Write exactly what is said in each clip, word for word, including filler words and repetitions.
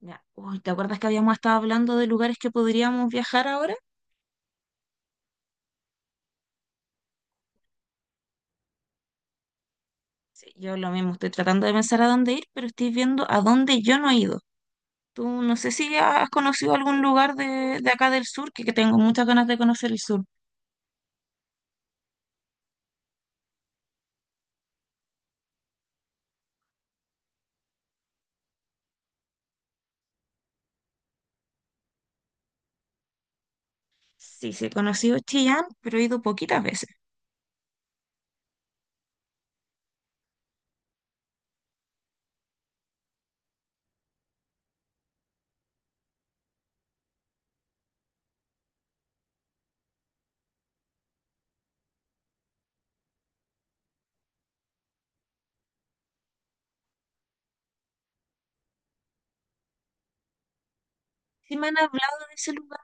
Ya. Uy, ¿te acuerdas que habíamos estado hablando de lugares que podríamos viajar ahora? Sí, yo lo mismo, estoy tratando de pensar a dónde ir, pero estoy viendo a dónde yo no he ido. Tú no sé si has conocido algún lugar de, de acá del sur, que, que tengo muchas ganas de conocer el sur. Sí, sí, he conocido Chillán, pero he ido poquitas veces. Sí, me han hablado de ese lugar,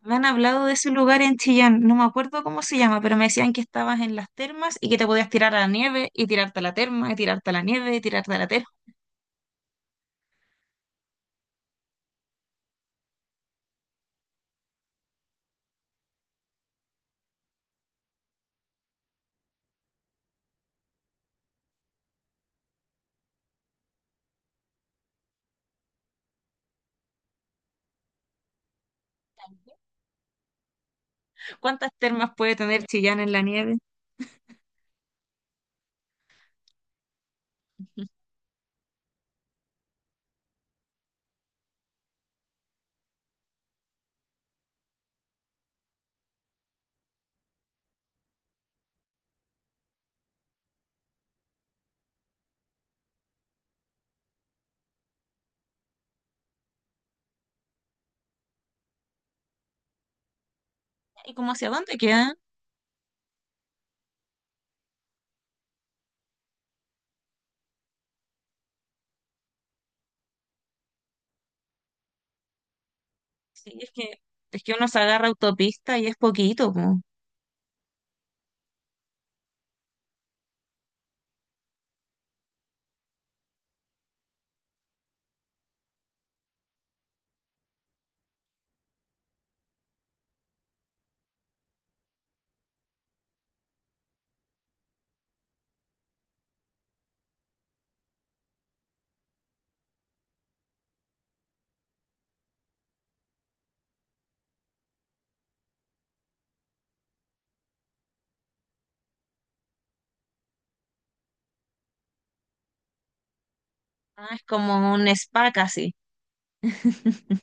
me han hablado de ese lugar en Chillán, no me acuerdo cómo se llama, pero me decían que estabas en las termas y que te podías tirar a la nieve y tirarte a la terma y tirarte a la nieve y tirarte a la terma. ¿Cuántas termas puede tener Chillán en la nieve? ¿Y cómo hacia dónde queda? Sí, es que, es que uno se agarra autopista y es poquito, po. Ah, es como un spa casi.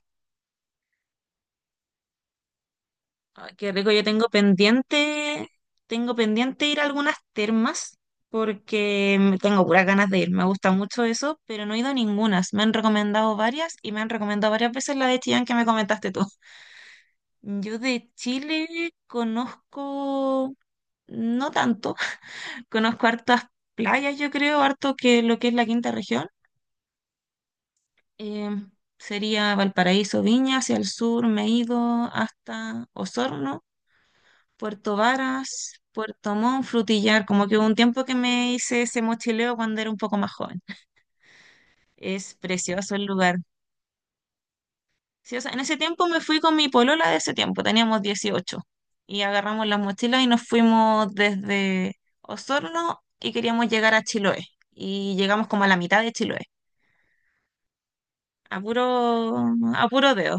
Ay, qué rico, yo tengo pendiente, tengo pendiente ir a algunas termas porque me- tengo puras ganas de ir, me gusta mucho eso, pero no he ido a ninguna. Me han recomendado varias y me han recomendado varias veces la de Chillán que me comentaste tú. Yo de Chile conozco, no tanto. Conozco hartas playas, yo creo, harto, que lo que es la quinta región. Em, Sería Valparaíso, Viña, hacia el sur me he ido hasta Osorno, Puerto Varas, Puerto Montt, Frutillar, como que hubo un tiempo que me hice ese mochileo cuando era un poco más joven. Es precioso el lugar. Sí, o sea, en ese tiempo me fui con mi polola de ese tiempo, teníamos dieciocho y agarramos las mochilas y nos fuimos desde Osorno y queríamos llegar a Chiloé y llegamos como a la mitad de Chiloé, a puro, a puro dedo.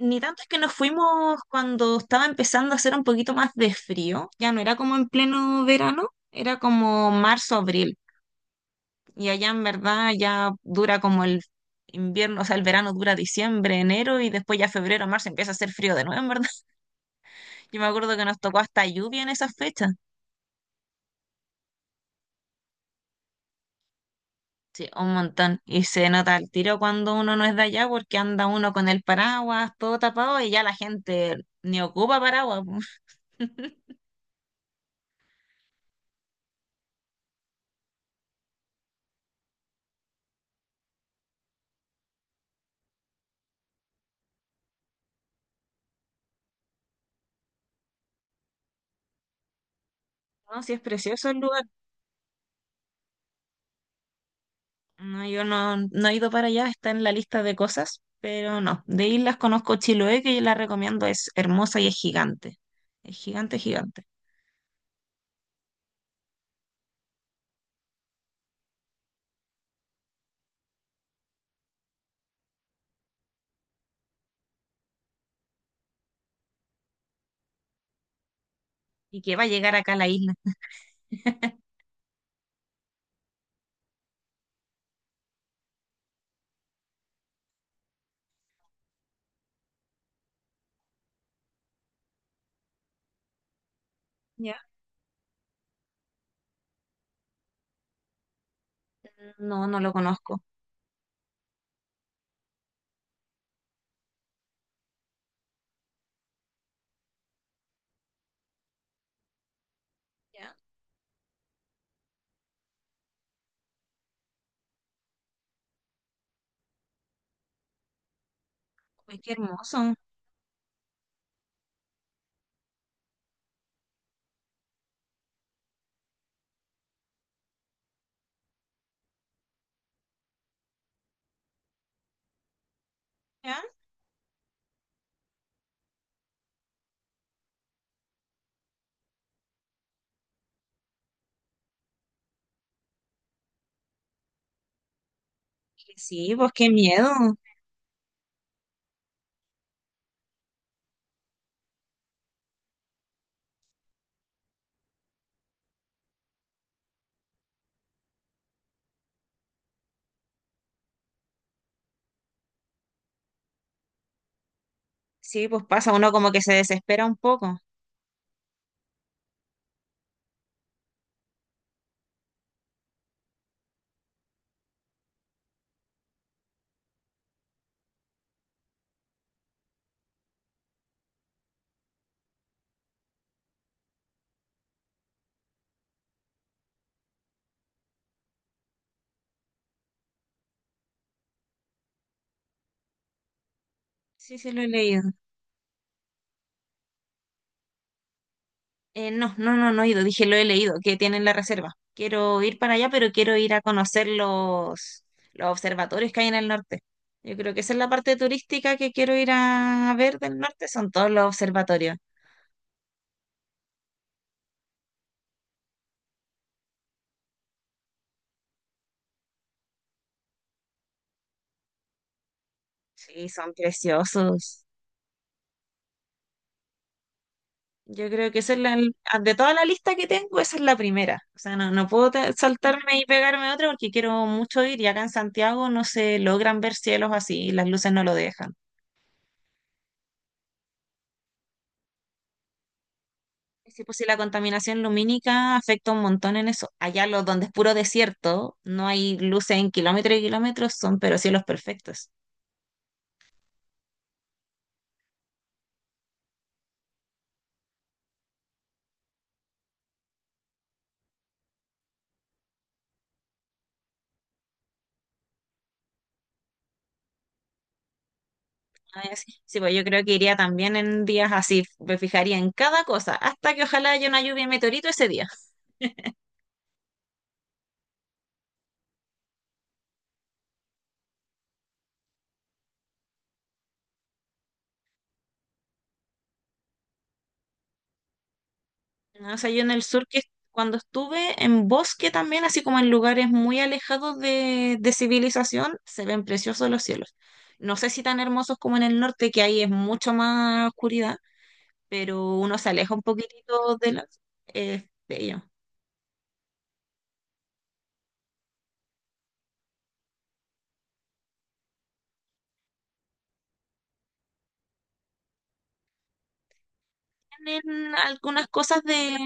Ni tanto, es que nos fuimos cuando estaba empezando a hacer un poquito más de frío, ya no era como en pleno verano, era como marzo, abril, y allá en verdad ya dura como el invierno, o sea, el verano dura diciembre, enero, y después ya febrero, marzo empieza a hacer frío de nuevo, en verdad. Yo me acuerdo que nos tocó hasta lluvia en esas fechas, sí, un montón, y se nota el tiro cuando uno no es de allá porque anda uno con el paraguas todo tapado y ya la gente ni ocupa paraguas, ¿no? Sí, es precioso el lugar. No, yo no, no he ido para allá, está en la lista de cosas, pero no. De islas conozco Chiloé, que yo la recomiendo, es hermosa y es gigante. Es gigante, gigante. ¿Y qué va a llegar acá a la isla? ¿Ya? No, no lo conozco. ¿Ya? Pues qué hermoso. ¿Ya? Sí, pues qué miedo. Sí, pues pasa, uno como que se desespera un poco. Sí, sí, lo he leído. Eh, no, no, no, no he ido, dije, lo he leído, que tienen la reserva. Quiero ir para allá, pero quiero ir a conocer los, los observatorios que hay en el norte. Yo creo que esa es la parte turística que quiero ir a ver del norte, son todos los observatorios. Sí, son preciosos. Yo creo que esa es la, de toda la lista que tengo, esa es la primera. O sea, no, no puedo ta- saltarme y pegarme otra porque quiero mucho ir y acá en Santiago no se logran ver cielos así, las luces no lo dejan. Sí, pues sí, la contaminación lumínica afecta un montón en eso. Allá lo, donde es puro desierto, no hay luces en kilómetros y kilómetros, son pero cielos perfectos. Ah, ya. Sí, sí, pues yo creo que iría también en días así, me fijaría en cada cosa, hasta que ojalá haya una lluvia de meteorito ese día. No, o sea, yo en el sur, que cuando estuve en bosque también, así como en lugares muy alejados de, de civilización, se ven preciosos los cielos. No sé si tan hermosos como en el norte, que ahí es mucho más oscuridad, pero uno se aleja un poquitito de las eh, de ellos. Tienen algunas cosas de,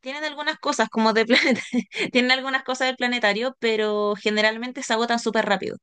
tienen algunas cosas como de planeta, tienen algunas cosas del planetario, pero generalmente se agotan súper rápido.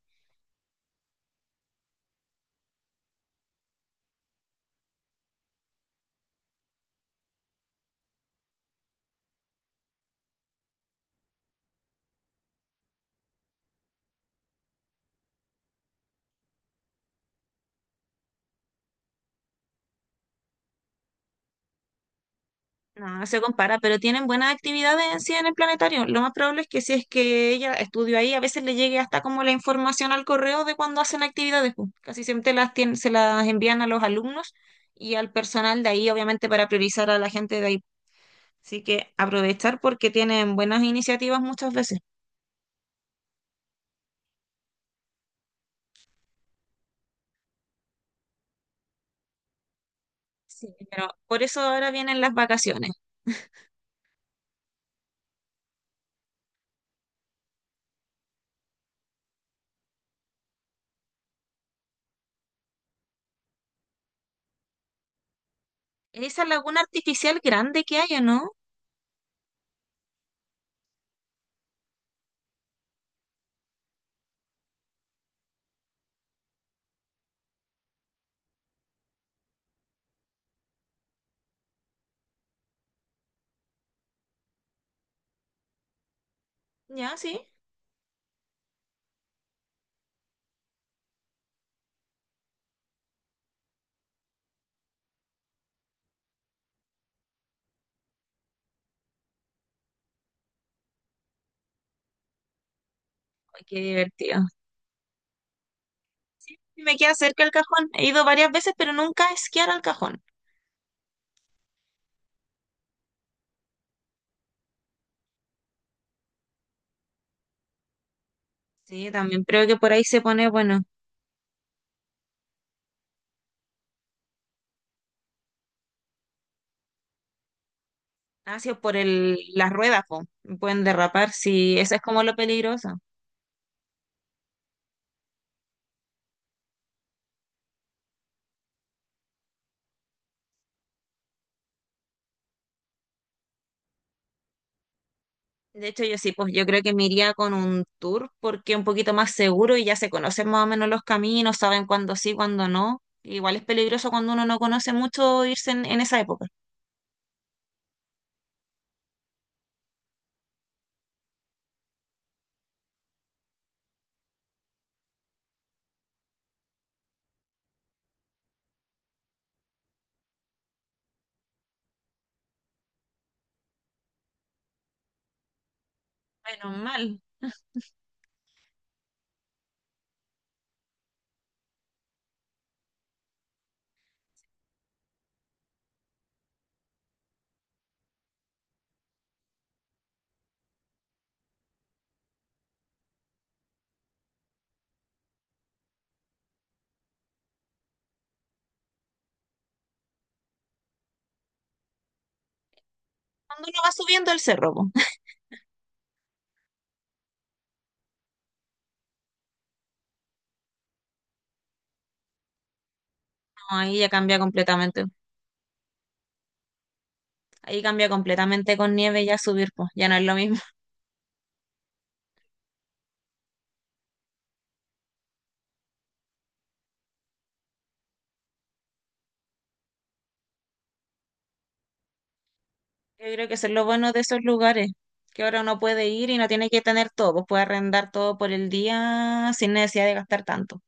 No, no se compara, pero tienen buenas actividades en sí en el planetario. Lo más probable es que si es que ella estudió ahí, a veces le llegue hasta como la información al correo de cuando hacen actividades, pues. Casi siempre las tien- se las envían a los alumnos y al personal de ahí, obviamente, para priorizar a la gente de ahí. Así que aprovechar porque tienen buenas iniciativas muchas veces. Sí. Pero por eso ahora vienen las vacaciones. Esa laguna artificial grande que hay, ¿o no? Ya, sí. Ay, qué divertido. Y me queda cerca el cajón. He ido varias veces, pero nunca a esquiar al cajón. Sí, también creo que por ahí se pone, bueno, gracias por el, las ruedas, po. Pueden derrapar, sí, eso es como lo peligroso. De hecho, yo sí, pues yo creo que me iría con un tour porque es un poquito más seguro y ya se conocen más o menos los caminos, saben cuándo sí, cuándo no. Igual es peligroso cuando uno no conoce mucho irse en, en esa época. Menos mal. Cuando uno va subiendo el cerro, pues. No, ahí ya cambia completamente. Ahí cambia completamente con nieve ya subir, pues. Ya no es lo mismo. Yo creo que eso es lo bueno de esos lugares, que ahora uno puede ir y no tiene que tener todo, pues puede arrendar todo por el día sin necesidad de gastar tanto.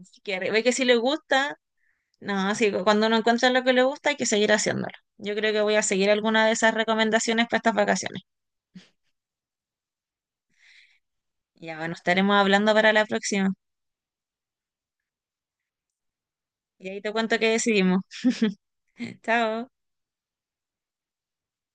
Así que ve que si le gusta. No, sí, cu- cuando uno encuentra lo que le gusta hay que seguir haciéndolo. Yo creo que voy a seguir alguna de esas recomendaciones para estas vacaciones. Ya, bueno, estaremos hablando para la próxima. Y ahí te cuento qué decidimos. Chao.